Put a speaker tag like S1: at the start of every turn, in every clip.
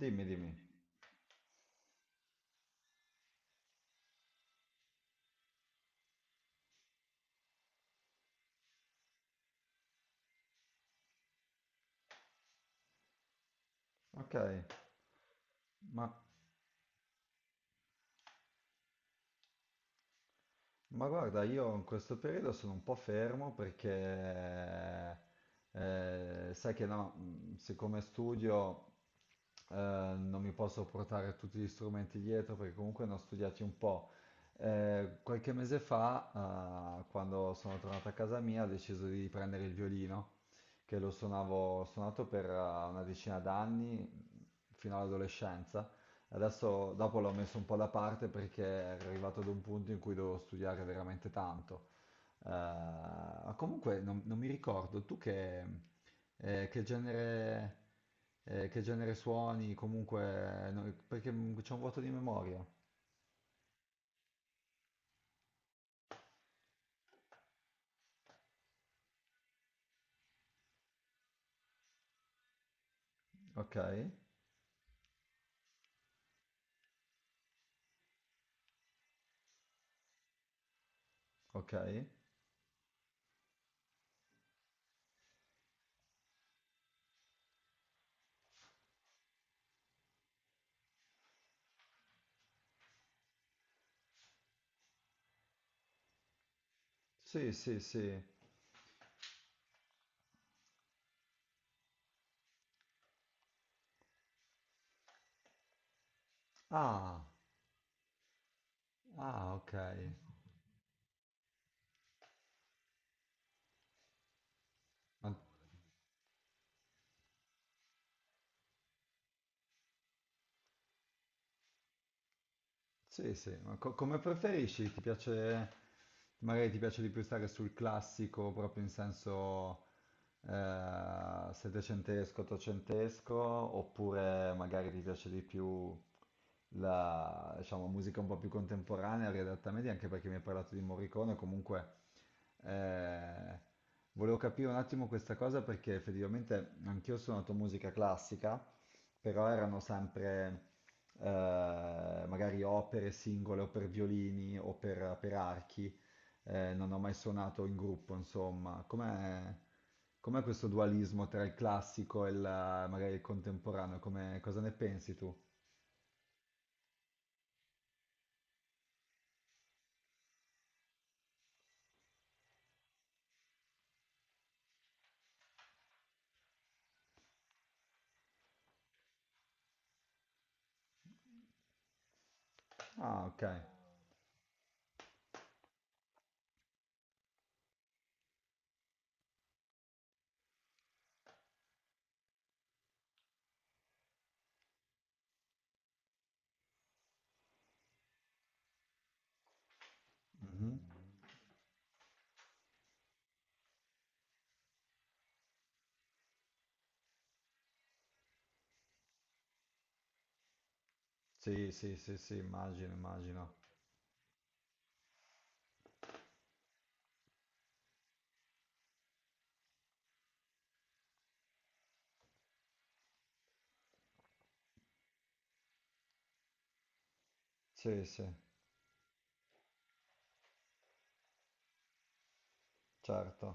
S1: Dimmi, dimmi. Ok, ma, ma guarda, io in questo periodo sono un po' fermo perché sai che no, siccome studio eh, non mi posso portare tutti gli strumenti dietro perché comunque ne ho studiati un po'. Qualche mese fa, quando sono tornato a casa mia, ho deciso di prendere il violino, che lo suonavo, ho suonato per una decina d'anni, fino all'adolescenza. Adesso, dopo l'ho messo un po' da parte perché ero arrivato ad un punto in cui dovevo studiare veramente tanto. Comunque non mi ricordo, tu eh, che genere, che genere suoni, comunque, no, perché c'è un vuoto di memoria. Ok, ok. Sì, sì, sì. Ah, ah, ok. Ma- sì, sì, ma come preferisci? Ti piace, magari ti piace di più stare sul classico, proprio in senso settecentesco, ottocentesco, oppure magari ti piace di più la, diciamo, musica un po' più contemporanea, riadatta a media, anche perché mi hai parlato di Morricone, comunque eh, volevo capire un attimo questa cosa perché effettivamente anch'io ho suonato musica classica, però erano sempre eh, magari opere singole o per violini o per archi, non ho mai suonato in gruppo, insomma. Com'è questo dualismo tra il classico e il, magari il contemporaneo? Cosa ne pensi tu? Ah, ok. Mhm. Sì, sì, sì, sì, immagino, immagino. Sì, sì, certo.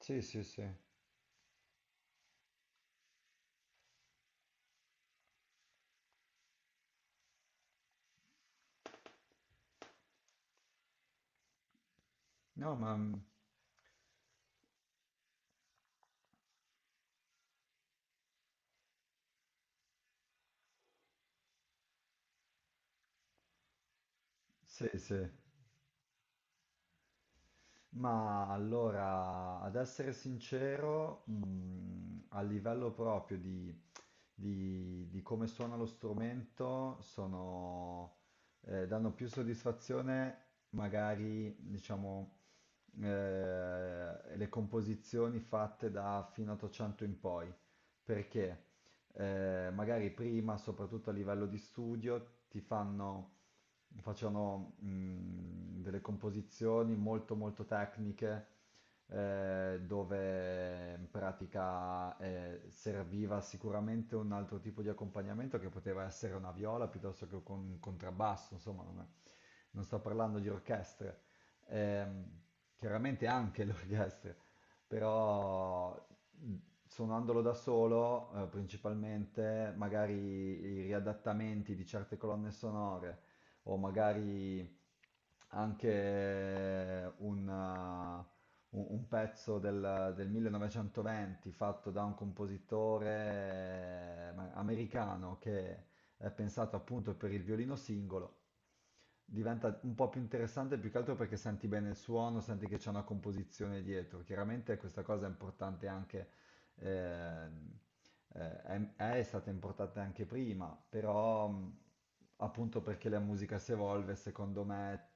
S1: Sì, sì, sì. No, ma sì, sì. Ma allora, ad essere sincero, a livello proprio di di come suona lo strumento sono, danno più soddisfazione, magari, diciamo, eh, le composizioni fatte da fino 800 in poi, perché magari prima, soprattutto a livello di studio, ti facevano delle composizioni molto molto tecniche dove in pratica serviva sicuramente un altro tipo di accompagnamento che poteva essere una viola piuttosto che con un contrabbasso, insomma, non sto parlando di orchestre. Ehm, Chiaramente anche le orchestre, però mh, suonandolo da solo, principalmente magari i riadattamenti di certe colonne sonore o magari anche un pezzo del 1920 fatto da un compositore americano che è pensato appunto per il violino singolo, diventa un po' più interessante più che altro perché senti bene il suono, senti che c'è una composizione dietro. Chiaramente questa cosa è importante anche ehm, è stata importata anche prima, però appunto perché la musica si evolve, secondo me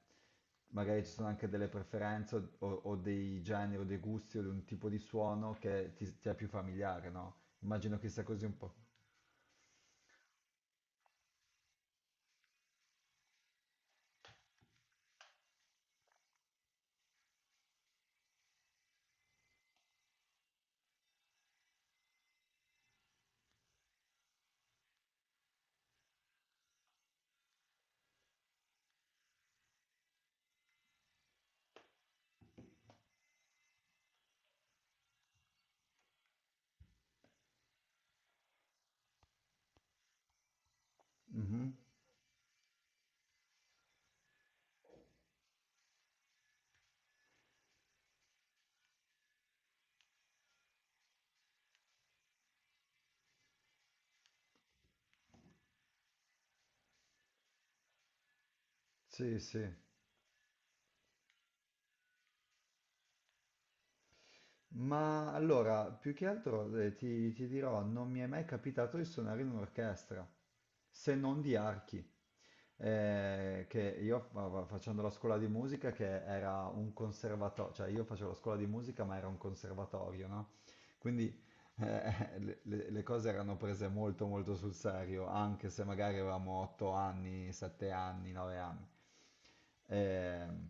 S1: magari ci sono anche delle preferenze o, o dei generi o dei gusti o di un tipo di suono che ti è più familiare, no? Immagino che sia così un po'. Mhm. Sì, sì. Ma allora, più che altro ti dirò, non mi è mai capitato di suonare in un'orchestra, se non di archi. Che io facendo la scuola di musica, che era un conservatorio, cioè io facevo la scuola di musica ma era un conservatorio, no? Quindi le cose erano prese molto molto sul serio, anche se magari avevamo 8 anni, 7 anni, 9 anni. Ehm,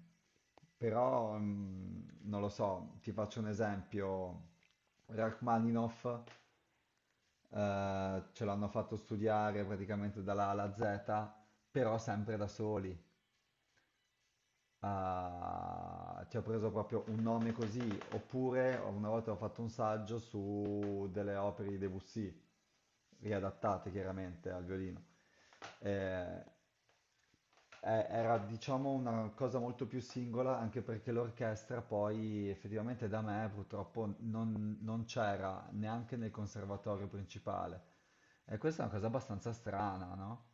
S1: però, non lo so, ti faccio un esempio. Rachmaninoff ce l'hanno fatto studiare praticamente dalla A alla Z, però sempre da soli. Ah, ti ho preso proprio un nome così, oppure una volta ho fatto un saggio su delle opere di Debussy, riadattate chiaramente al violino. Eh, era diciamo una cosa molto più singola, anche perché l'orchestra poi effettivamente da me purtroppo non c'era neanche nel conservatorio principale. E questa è una cosa abbastanza strana, no?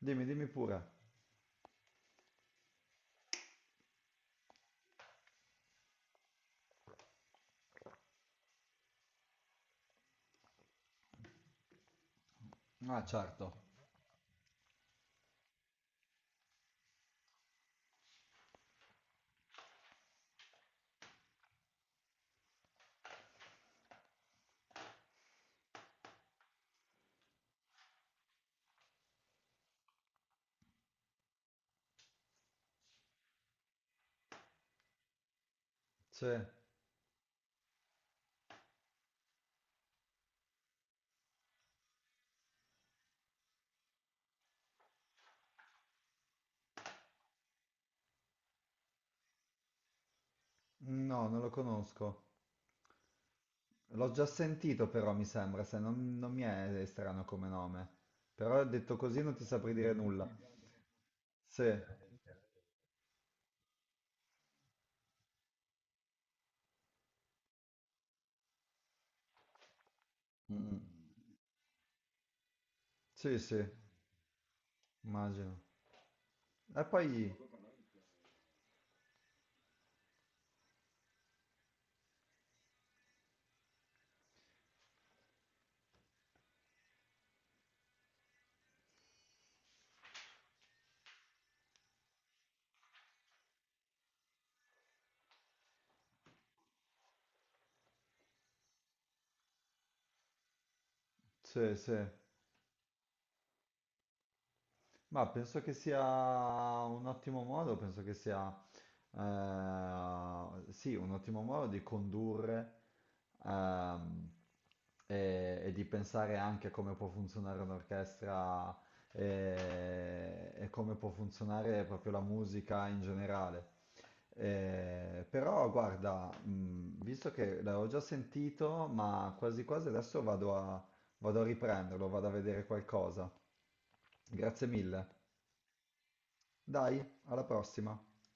S1: Dimmi, dimmi pure. Ah, certo. Sì. No, non lo conosco. L'ho già sentito però, mi sembra, se non mi è strano come nome. Però detto così non ti saprei dire nulla. Sì. Mm, mm. Sì, sì, immagino. E poi, sì, sì. Ma penso che sia un ottimo modo, penso che sia sì, un ottimo modo di condurre ehm, e di pensare anche a come può funzionare un'orchestra e come può funzionare proprio la musica in generale. Però guarda, visto che l'avevo già sentito, ma quasi quasi adesso vado a, riprenderlo, vado a vedere qualcosa. Grazie mille. Dai, alla prossima!